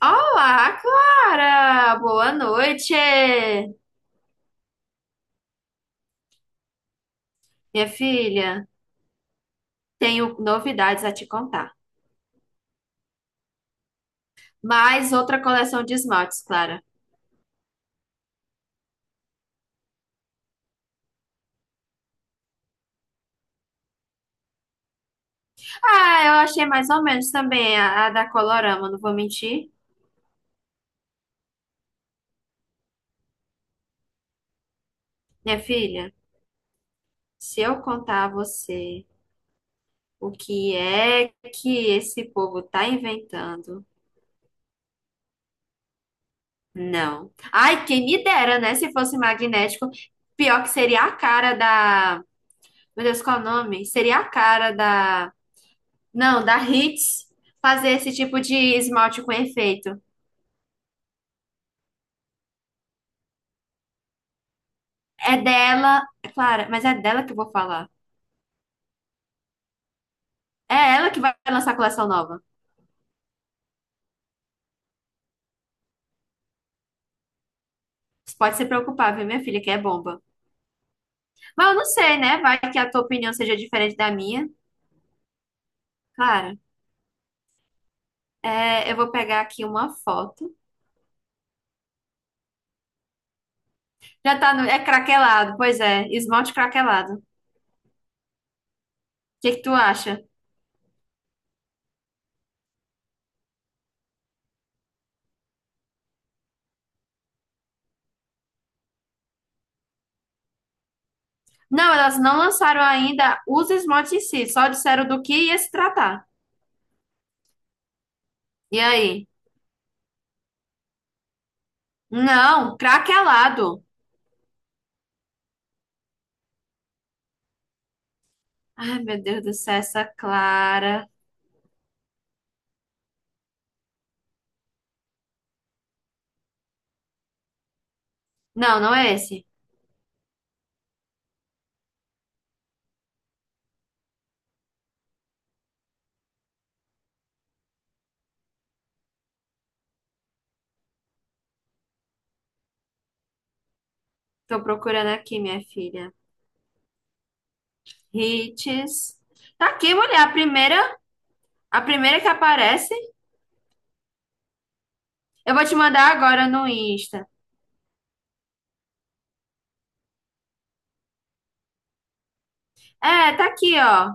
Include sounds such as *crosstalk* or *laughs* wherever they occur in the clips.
Olá, Clara! Boa noite, minha filha. Tenho novidades a te contar. Mais outra coleção de esmaltes, Clara. Ah, eu achei mais ou menos também a da Colorama, não vou mentir. Minha filha, se eu contar a você o que é que esse povo tá inventando, não. Ai, quem me dera, né? Se fosse magnético, pior que seria a cara da. Meu Deus, qual é o nome? Seria a cara da. Não, da Hits fazer esse tipo de esmalte com efeito. É dela, é claro, mas é dela que eu vou falar. É ela que vai lançar a coleção nova. Você pode se preocupar, viu, minha filha, que é bomba. Mas eu não sei, né? Vai que a tua opinião seja diferente da minha. Claro. É, eu vou pegar aqui uma foto. Já tá no. É craquelado, pois é, esmalte craquelado. O que que tu acha? Não, elas não lançaram ainda os esmaltes em si, só disseram do que ia se tratar. E aí? Não, craquelado. Ai, meu Deus do céu, essa Clara. Não, não é esse. Tô procurando aqui, minha filha. Hits. Tá aqui, mulher, a primeira que aparece. Eu vou te mandar agora no Insta. É, tá aqui, ó.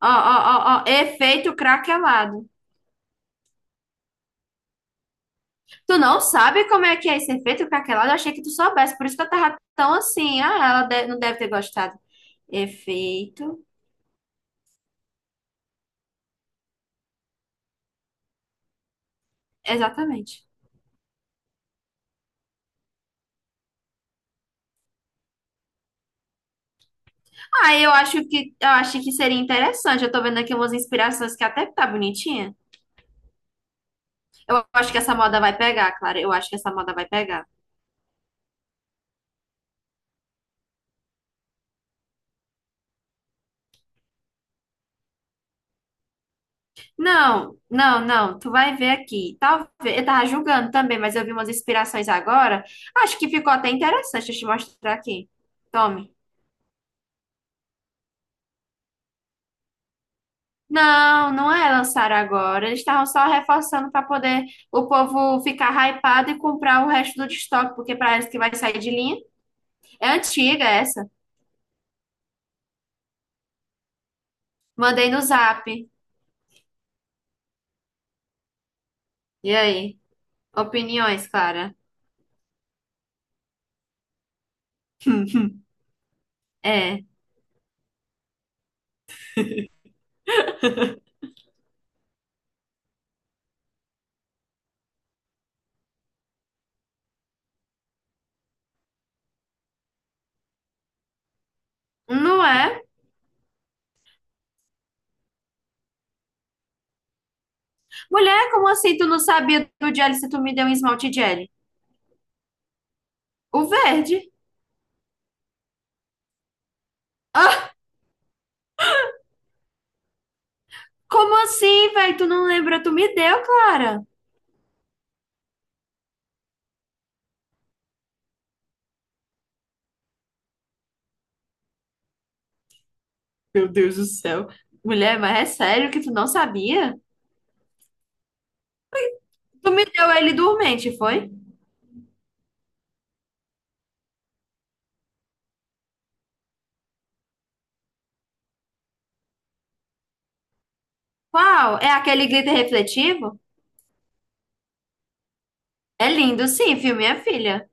Ó, ó, ó, ó, efeito craquelado. Tu não sabe como é que é esse efeito craquelado? Eu achei que tu soubesse, por isso que eu tava tão assim. Ah, ela de- não deve ter gostado. Efeito. Exatamente. Ah, eu acho que seria interessante. Eu tô vendo aqui umas inspirações que até tá bonitinha. Eu acho que essa moda vai pegar, Clara. Eu acho que essa moda vai pegar. Não, não, não. Tu vai ver aqui. Talvez. Eu tava julgando também, mas eu vi umas inspirações agora. Acho que ficou até interessante. Deixa eu te mostrar aqui. Tome. Não, não é lançar agora. Eles estavam só reforçando para poder o povo ficar hypado e comprar o resto do estoque, porque parece que vai sair de linha. É antiga essa. Mandei no zap. E aí? Opiniões, Clara. É. Um não é? Mulher, como assim tu não sabia do jelly se tu me deu um esmalte jelly? O verde. Ah, como assim, velho? Tu não lembra? Tu me deu, Clara. Meu Deus do céu. Mulher, mas é sério que tu não sabia? Tu me deu ele dormente, foi? Qual? É aquele glitter refletivo? É lindo, sim, viu, minha filha?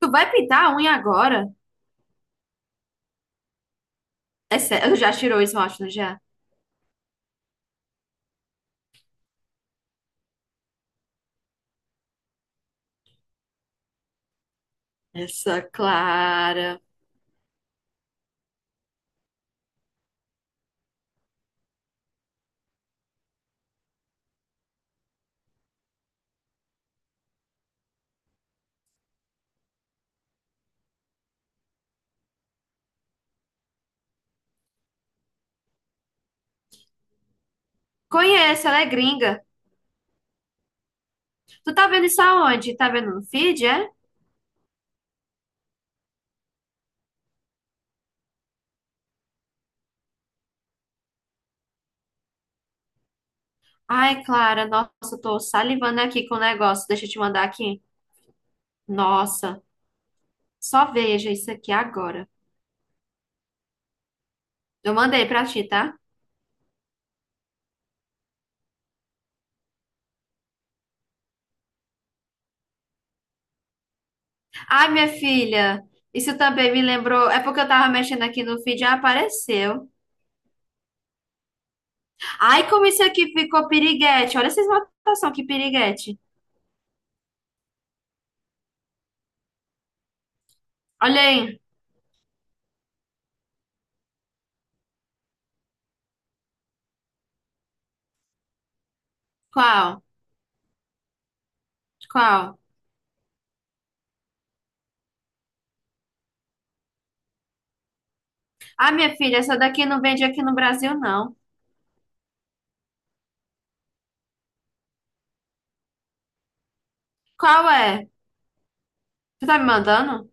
Tu vai pintar a unha agora? É sério, *laughs* já tirou o esmalte, não já? Essa Clara. Conheço, ela é gringa. Tu tá vendo isso aonde? Tá vendo no feed, é? Ai, Clara, nossa, eu tô salivando aqui com o negócio. Deixa eu te mandar aqui. Nossa, só veja isso aqui agora. Eu mandei pra ti, tá? Ai, minha filha, isso também me lembrou. É porque eu tava mexendo aqui no feed e apareceu. Ai, como isso aqui ficou piriguete. Olha essa esmaltação, que piriguete. Olha aí. Qual? Qual? Ai, minha filha, essa daqui não vende aqui no Brasil, não. Qual é? Tu tá me mandando?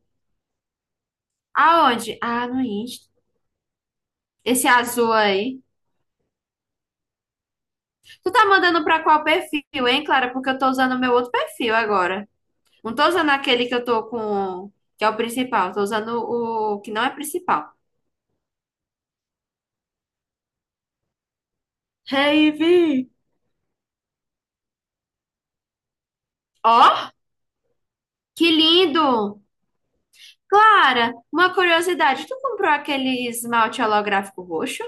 Aonde? Ah, no Insta. Esse azul aí. Tu tá mandando pra qual perfil, hein, Clara? Porque eu tô usando o meu outro perfil agora. Não tô usando aquele que eu tô com, que é o principal. Tô usando o que não é principal. Hey, Vi! Ó, que lindo! Clara, uma curiosidade. Tu comprou aquele esmalte holográfico roxo?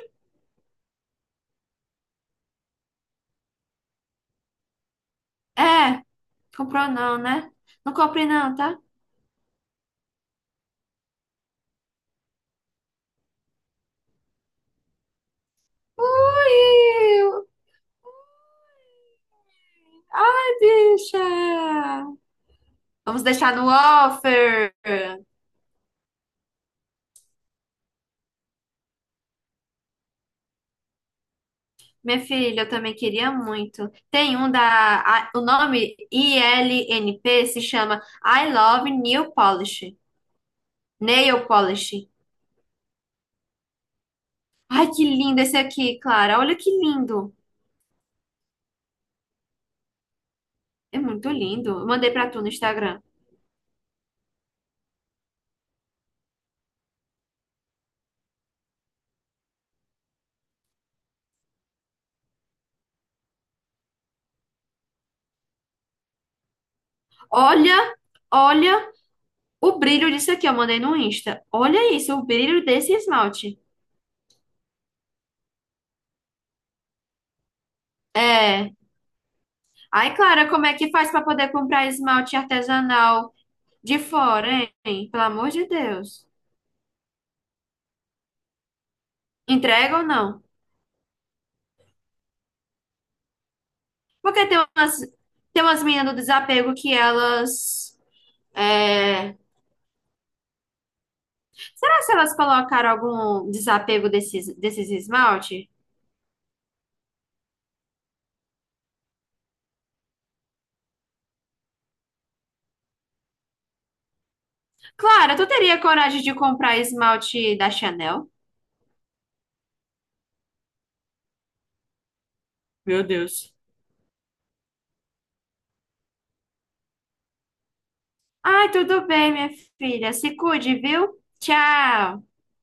É, comprou não, né? Não comprei não, tá? Ui, bicha! Vamos deixar no offer. Minha filha, eu também queria muito. Tem um da. A- o nome ILNP se chama I Love Nail Polish. Nail Polish. Ai, que lindo esse aqui, Clara. Olha que lindo. É muito lindo. Eu mandei pra tu no Instagram. Olha, olha o brilho disso aqui. Eu mandei no Insta. Olha isso, o brilho desse esmalte. É. Ai, Clara, como é que faz pra poder comprar esmalte artesanal de fora, hein? Pelo amor de Deus. Entrega ou não? Porque tem umas meninas do desapego que elas. É, será se elas colocaram algum desapego desses, desses esmalte? Clara, tu teria coragem de comprar esmalte da Chanel? Meu Deus. Ai, tudo bem, minha filha. Se cuide, viu? Tchau.